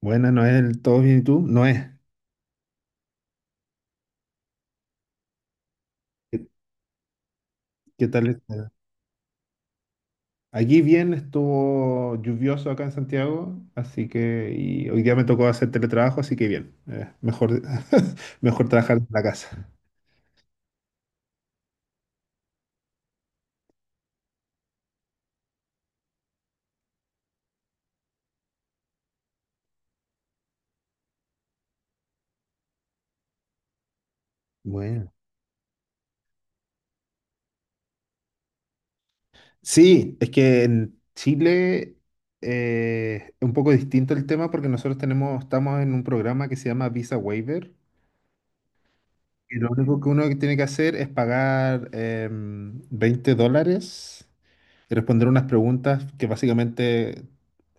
Buenas, Noel, ¿todo bien y tú? Noé, ¿qué, ¿qué tal está? Aquí bien, estuvo lluvioso acá en Santiago, así que y hoy día me tocó hacer teletrabajo, así que bien, mejor, mejor trabajar en la casa. Bueno. Sí, es que en Chile es un poco distinto el tema porque estamos en un programa que se llama Visa Waiver, y lo único que uno tiene que hacer es pagar $20. De responder unas preguntas que básicamente,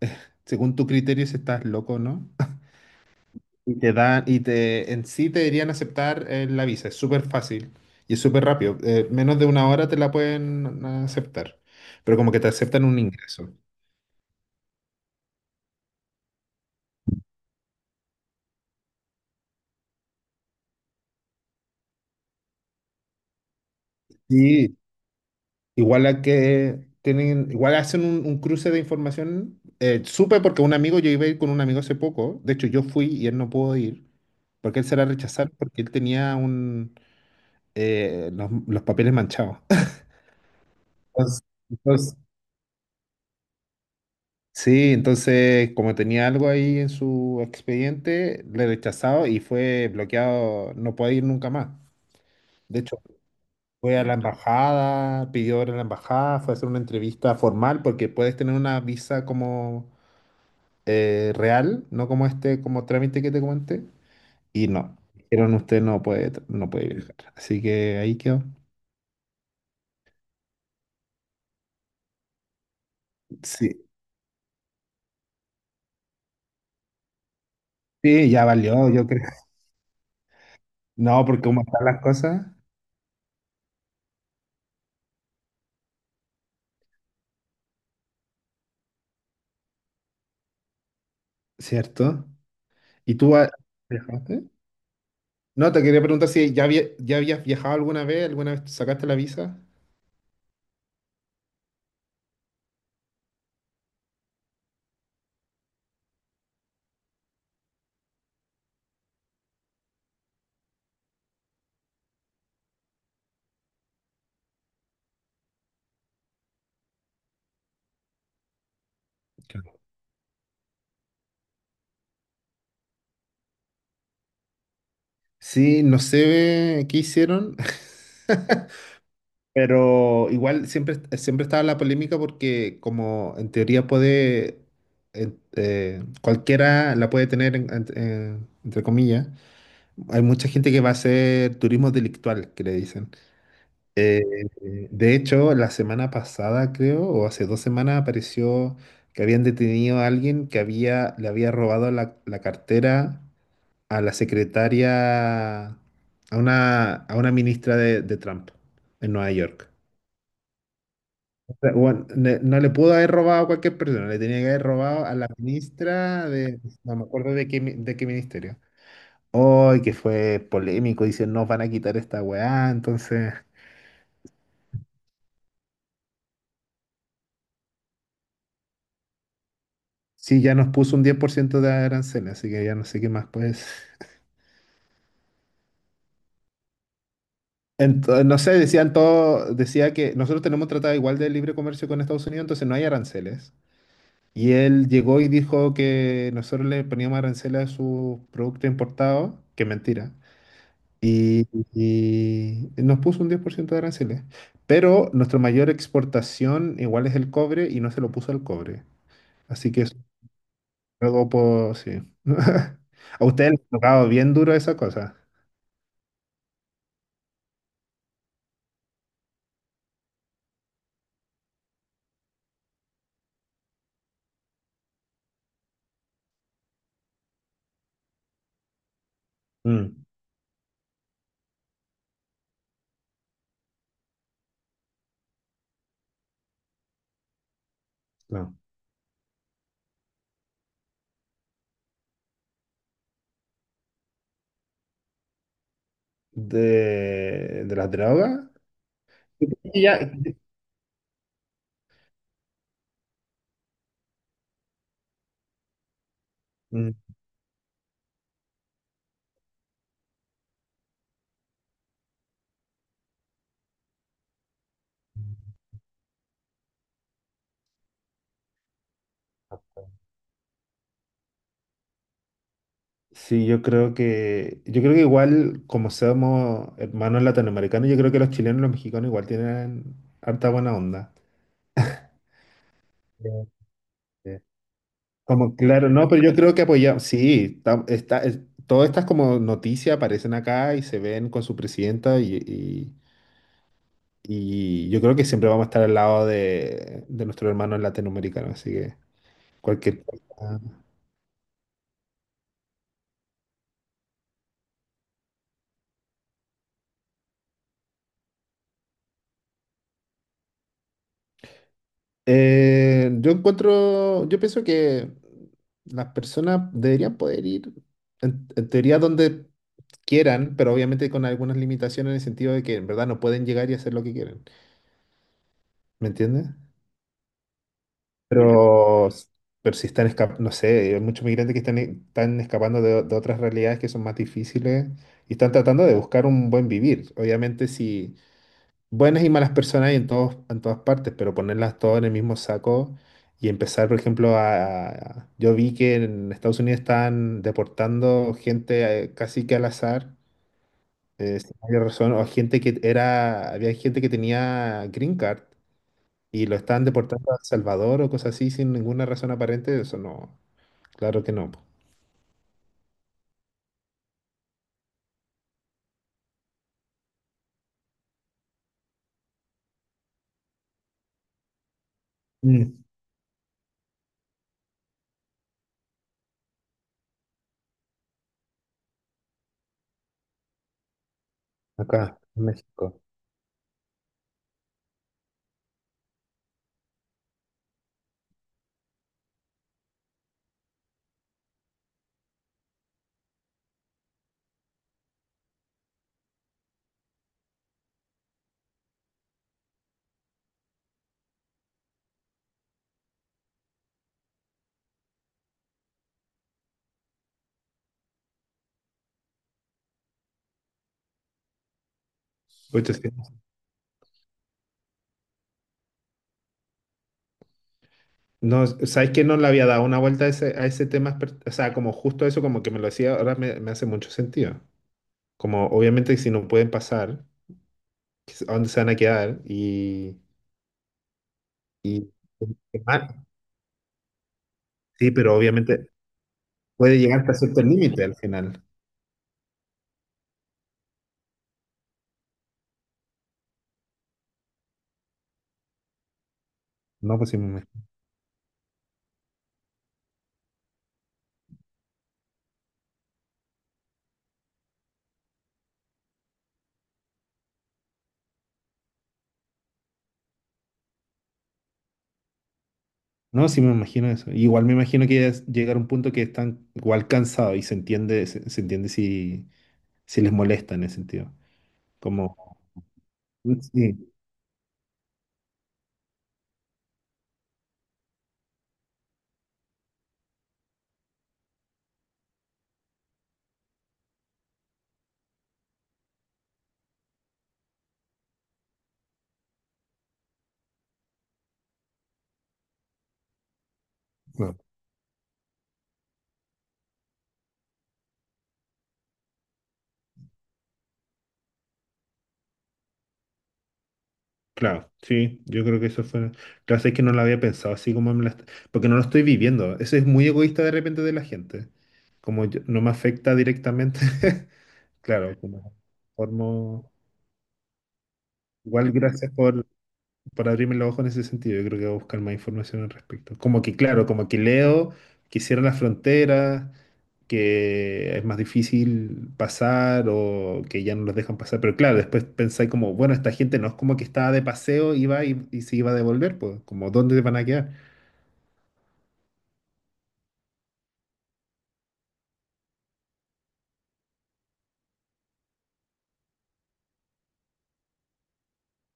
eh, según tu criterio, si estás loco o no, y te dan, y te, en sí te deberían aceptar la visa. Es súper fácil y es súper rápido. Menos de una hora te la pueden aceptar, pero como que te aceptan un ingreso. Sí, igual a que tienen, igual hacen un cruce de información. Supe porque un amigo, yo iba a ir con un amigo hace poco, de hecho yo fui y él no pudo ir, porque él se la rechazaron porque él tenía los papeles manchados. Entonces, entonces- sí, entonces como tenía algo ahí en su expediente, le he rechazado y fue bloqueado, no puede ir nunca más. De hecho, fue a la embajada, pidió hora en la embajada, fue a hacer una entrevista formal porque puedes tener una visa como real, no como este, como trámite que te comenté. Y no, dijeron usted no puede, no puede viajar. Así que ahí quedó. Sí, sí, ya valió, yo creo. No, porque como están las cosas, ¿cierto? ¿Y tú has- ¿viajaste? No, te quería preguntar si ya habías viajado alguna vez sacaste la visa. Claro. Sí, no sé qué hicieron, pero igual siempre, siempre estaba la polémica porque como en teoría cualquiera la puede tener, entre comillas, hay mucha gente que va a hacer turismo delictual, que le dicen. Eh, de hecho, la semana pasada, creo, o hace dos semanas, apareció que habían detenido a alguien que había, le había robado la cartera a la secretaria, a una ministra de Trump en Nueva York. O sea, bueno, no le pudo haber robado a cualquier persona, le tenía que haber robado a la ministra de, no me acuerdo de qué, de qué ministerio. Hoy que fue polémico, dicen, nos van a quitar esta weá, entonces... Sí, ya nos puso un 10% de arancel, así que ya no sé qué más, pues. Entonces, no sé, decían todo, decía que nosotros tenemos tratado igual de libre comercio con Estados Unidos, entonces no hay aranceles. Y él llegó y dijo que nosotros le poníamos aranceles a sus productos importados, que es mentira. Y nos puso un 10% de aranceles. Pero nuestra mayor exportación igual es el cobre y no se lo puso al cobre. Así que eso es algo, pues, sí. A ustedes les ha tocado bien duro esa cosa. Mm. No. De las drogas. Y ya- Mm, sí, yo creo que igual, como somos hermanos latinoamericanos, yo creo que los chilenos y los mexicanos igual tienen harta buena onda. Sí, sí. Como, claro, no, pero yo creo que apoyamos, sí, todas estas como noticias aparecen acá y se ven con su presidenta y yo creo que siempre vamos a estar al lado de nuestros hermanos latinoamericanos, así que cualquier cosa. Yo encuentro, yo pienso que las personas deberían poder ir en teoría donde quieran, pero obviamente con algunas limitaciones en el sentido de que en verdad no pueden llegar y hacer lo que quieren, ¿me entiendes? Pero, pero si están escapando, no sé, hay muchos migrantes están escapando de otras realidades que son más difíciles y están tratando de buscar un buen vivir. Obviamente si buenas y malas personas hay en todos, en todas partes, pero ponerlas todas en el mismo saco y empezar, por ejemplo, yo vi que en Estados Unidos están deportando gente casi que al azar, sin mayor razón, o gente que era, había gente que tenía green card y lo estaban deportando a El Salvador o cosas así sin ninguna razón aparente, eso no, claro que no. Mm. Acá, en México. Pucha, sí. No, ¿sabes que no le había dado una vuelta a ese tema, o sea, como justo eso, como que me lo decía, ahora me, me hace mucho sentido. Como obviamente si no pueden pasar, ¿a dónde se van a quedar? Y qué mal. Sí, pero obviamente puede llegar hasta cierto límite al final. No, pues sí me imagino. No, sí me imagino eso. Igual me imagino que es llegar a un punto que están igual cansados y se entiende, se entiende si, si les molesta en ese sentido. Como, sí, no. Claro, sí, yo creo que eso fue. Claro, es que no lo había pensado así como porque no lo estoy viviendo. Eso es muy egoísta de repente de la gente. No me afecta directamente. Claro, como formo. Igual gracias por para abrirme los ojos en ese sentido. Yo creo que voy a buscar más información al respecto. Como que, claro, como que leo que cierran las fronteras, que es más difícil pasar o que ya no los dejan pasar. Pero claro, después pensé como, bueno, esta gente no es como que estaba de paseo, iba y se iba a devolver, pues, como, ¿dónde van a quedar?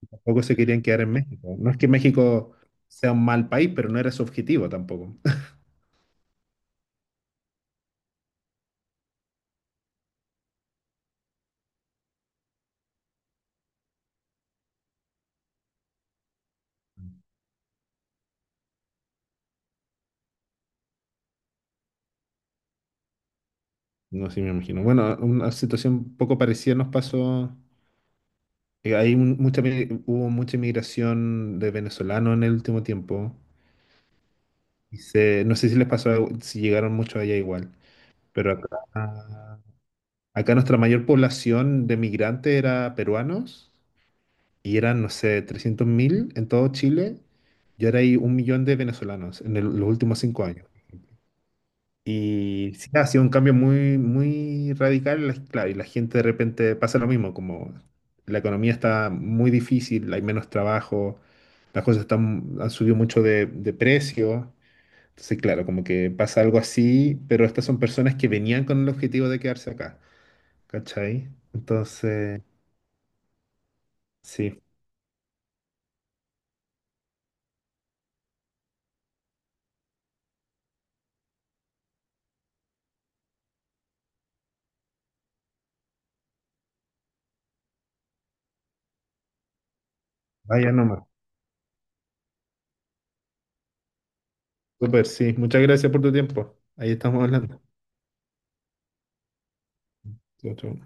Tampoco se querían quedar en México. No es que México sea un mal país, pero no era su objetivo tampoco. No, sí me imagino. Bueno, una situación poco parecida nos pasó. Hay un- mucha, mi- Hubo mucha inmigración de venezolanos en el último tiempo. No sé si les pasó, si llegaron muchos allá igual, pero acá, acá nuestra mayor población de migrantes era peruanos y eran, no sé, 300.000 en todo Chile y ahora hay 1.000.000 de venezolanos en el- los últimos 5 años. Y sí, ha sido un cambio muy, muy radical, claro, y la gente de repente pasa lo mismo, como la economía está muy difícil, hay menos trabajo, las cosas están, han subido mucho de precio. Entonces, claro, como que pasa algo así, pero estas son personas que venían con el objetivo de quedarse acá, ¿cachai? Entonces, sí, vaya nomás. Súper, sí. Muchas gracias por tu tiempo. Ahí estamos hablando. Chau, chau.